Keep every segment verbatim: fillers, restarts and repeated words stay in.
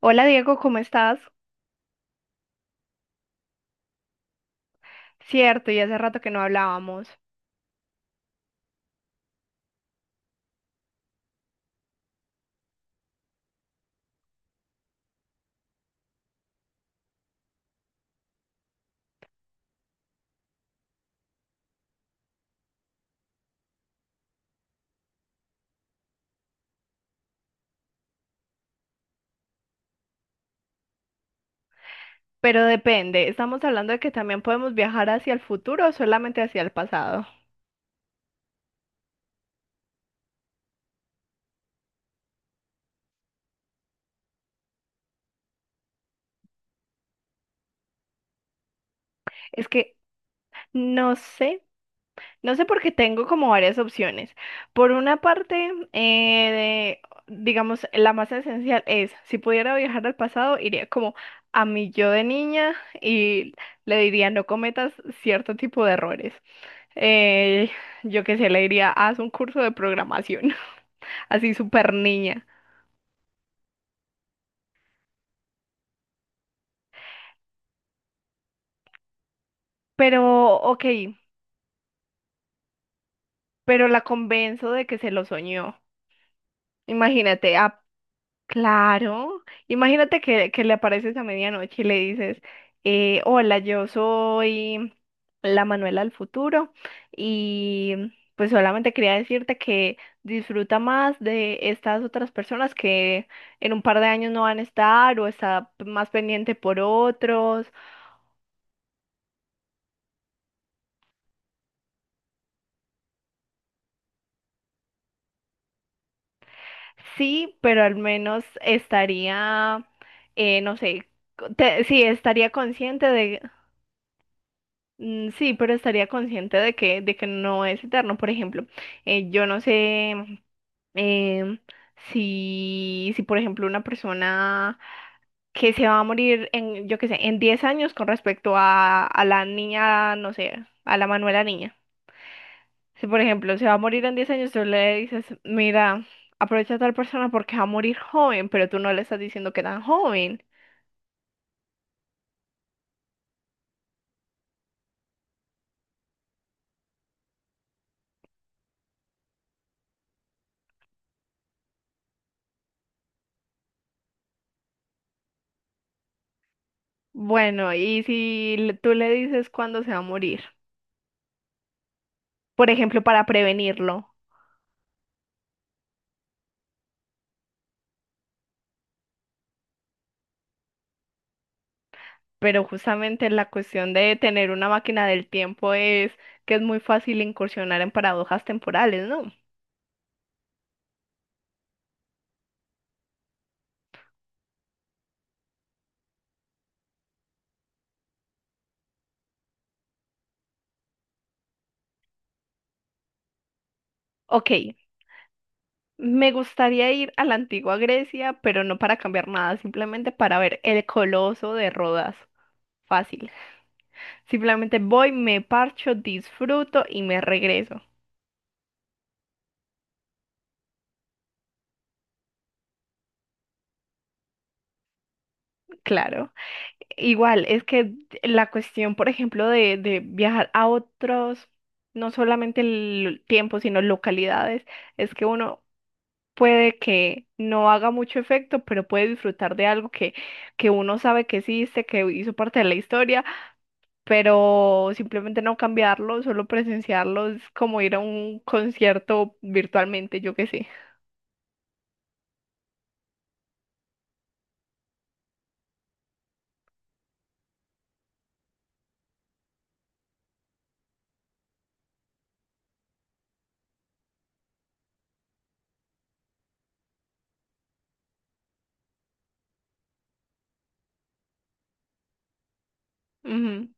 Hola Diego, ¿cómo estás? Cierto, y hace rato que no hablábamos, pero depende, ¿estamos hablando de que también podemos viajar hacia el futuro o solamente hacia el pasado? Es que no sé, no sé porque tengo como varias opciones. Por una parte, eh, de- digamos, la más esencial es, si pudiera viajar al pasado, iría como a mi yo de niña y le diría, no cometas cierto tipo de errores. Eh, yo qué sé, le diría, haz un curso de programación, así súper niña. Pero, ok, pero la convenzo de que se lo soñó. Imagínate, ah, claro, imagínate que, que le apareces a medianoche y le dices, eh, hola, yo soy la Manuela del futuro y pues solamente quería decirte que disfruta más de estas otras personas que en un par de años no van a estar o está más pendiente por otros. Sí, pero al menos estaría, eh, no sé, co- te- sí, estaría consciente de, mm, sí, pero estaría consciente de que, de que no es eterno. Por ejemplo, eh, yo no sé em, si, si, por ejemplo, una persona que se va a morir en, yo qué sé, en diez años con respecto a, a la niña, no sé, a la Manuela niña. Si, por ejemplo, se va a morir en diez años, tú le dices, mira, aprovecha a tal persona porque va a morir joven, pero tú no le estás diciendo que tan joven. Bueno, y si le- tú le dices cuándo se va a morir, por ejemplo, para prevenirlo, pero justamente la cuestión de tener una máquina del tiempo es que es muy fácil incursionar en paradojas temporales, ¿no? Ok, me gustaría ir a la antigua Grecia, pero no para cambiar nada, simplemente para ver el Coloso de Rodas. Fácil. Simplemente voy, me parcho, disfruto y me regreso. Claro. Igual, es que la cuestión, por ejemplo, de, de viajar a otros, no solamente el tiempo, sino localidades, es que uno puede que no haga mucho efecto, pero puede disfrutar de algo que, que uno sabe que existe, que hizo parte de la historia, pero simplemente no cambiarlo, solo presenciarlo es como ir a un concierto virtualmente, yo qué sé. Ujú.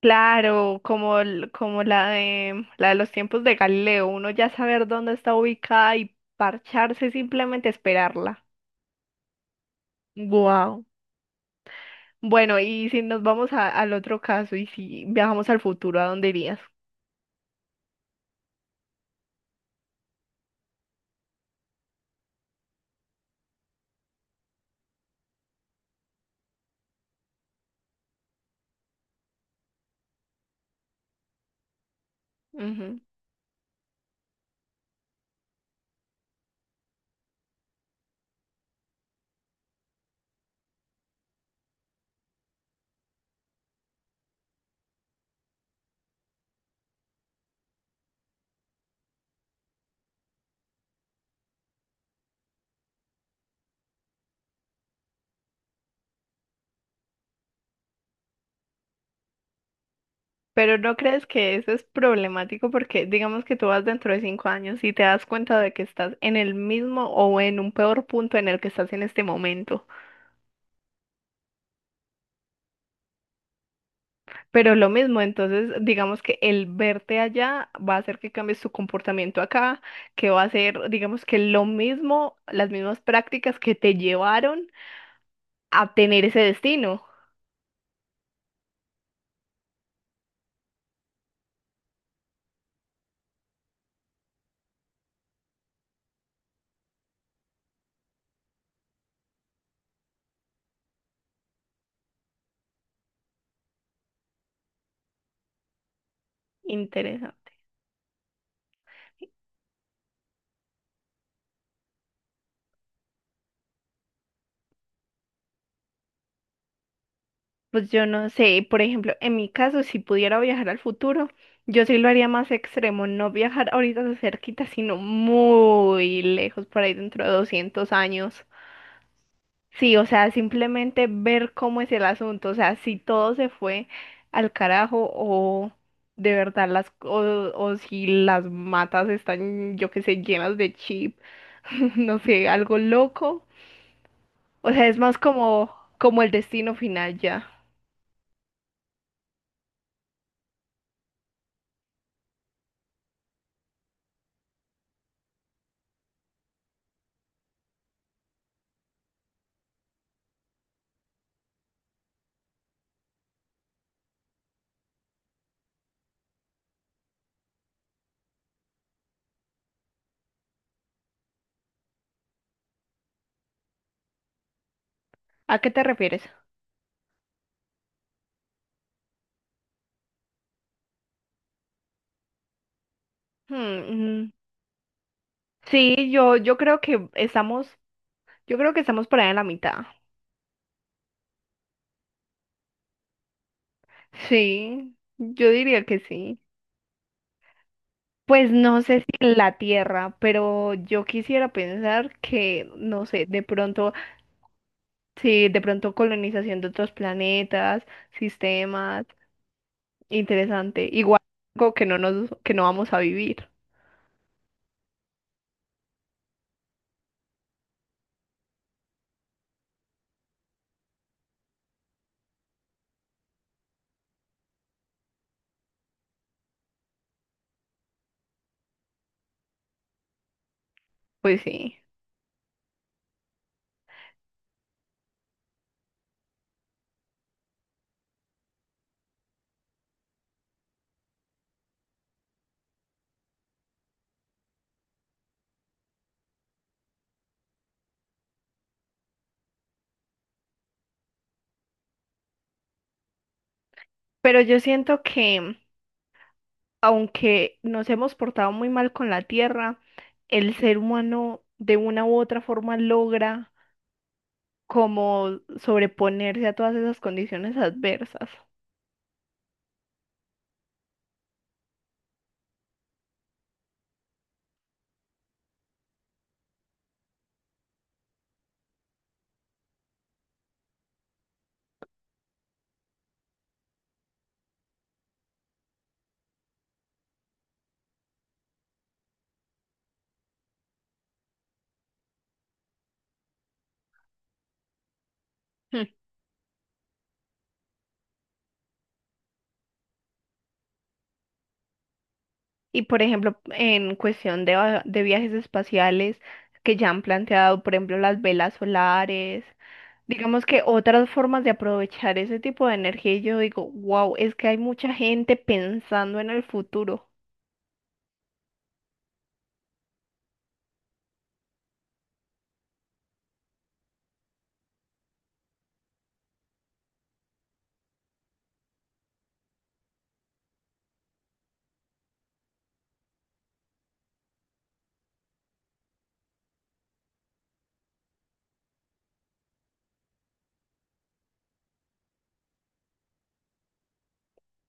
Claro, como, el- como la de, la de los tiempos de Galileo, uno ya saber dónde está ubicada y parcharse, simplemente esperarla. Wow. Bueno, y si nos vamos a- al otro caso y si viajamos al futuro, ¿a dónde irías? Ujú. Pero ¿no crees que eso es problemático? Porque digamos que tú vas dentro de cinco años y te das cuenta de que estás en el mismo o en un peor punto en el que estás en este momento. Pero lo mismo, entonces digamos que el verte allá va a hacer que cambies tu comportamiento acá, que va a ser, digamos que lo mismo, las mismas prácticas que te llevaron a tener ese destino. Interesante. Pues yo no sé, por ejemplo, en mi caso, si pudiera viajar al futuro, yo sí lo haría más extremo, no viajar ahorita de cerquita, sino muy lejos, por ahí dentro de doscientos años. Sí, o sea, simplemente ver cómo es el asunto, o sea, si todo se fue al carajo o de verdad las o, o si las matas están, yo qué sé, llenas de chip, no sé, algo loco. O sea, es más como como el destino final ya. ¿A qué te refieres? Hmm, mm, sí, yo yo creo que estamos yo creo que estamos por ahí en la mitad. Sí, yo diría que sí. Pues no sé si en la Tierra, pero yo quisiera pensar que, no sé, de pronto, sí, de pronto colonización de otros planetas, sistemas, interesante. Igual algo que no nos, que no vamos a vivir. Pues sí. Pero yo siento que, aunque nos hemos portado muy mal con la Tierra, el ser humano de una u otra forma logra como sobreponerse a todas esas condiciones adversas. Hmm. Y por ejemplo, en cuestión de, va- de viajes espaciales que ya han planteado, por ejemplo, las velas solares, digamos que otras formas de aprovechar ese tipo de energía, y yo digo, wow, es que hay mucha gente pensando en el futuro.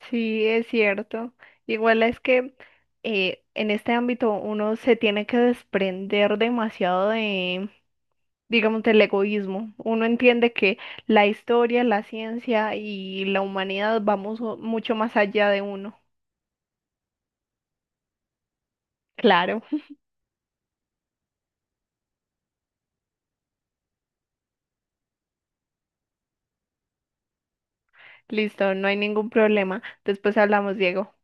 Sí, es cierto. Igual es que eh, en este ámbito uno se tiene que desprender demasiado de, digamos, del egoísmo. Uno entiende que la historia, la ciencia y la humanidad vamos o- mucho más allá de uno. Claro, listo, no hay ningún problema. Después hablamos, Diego.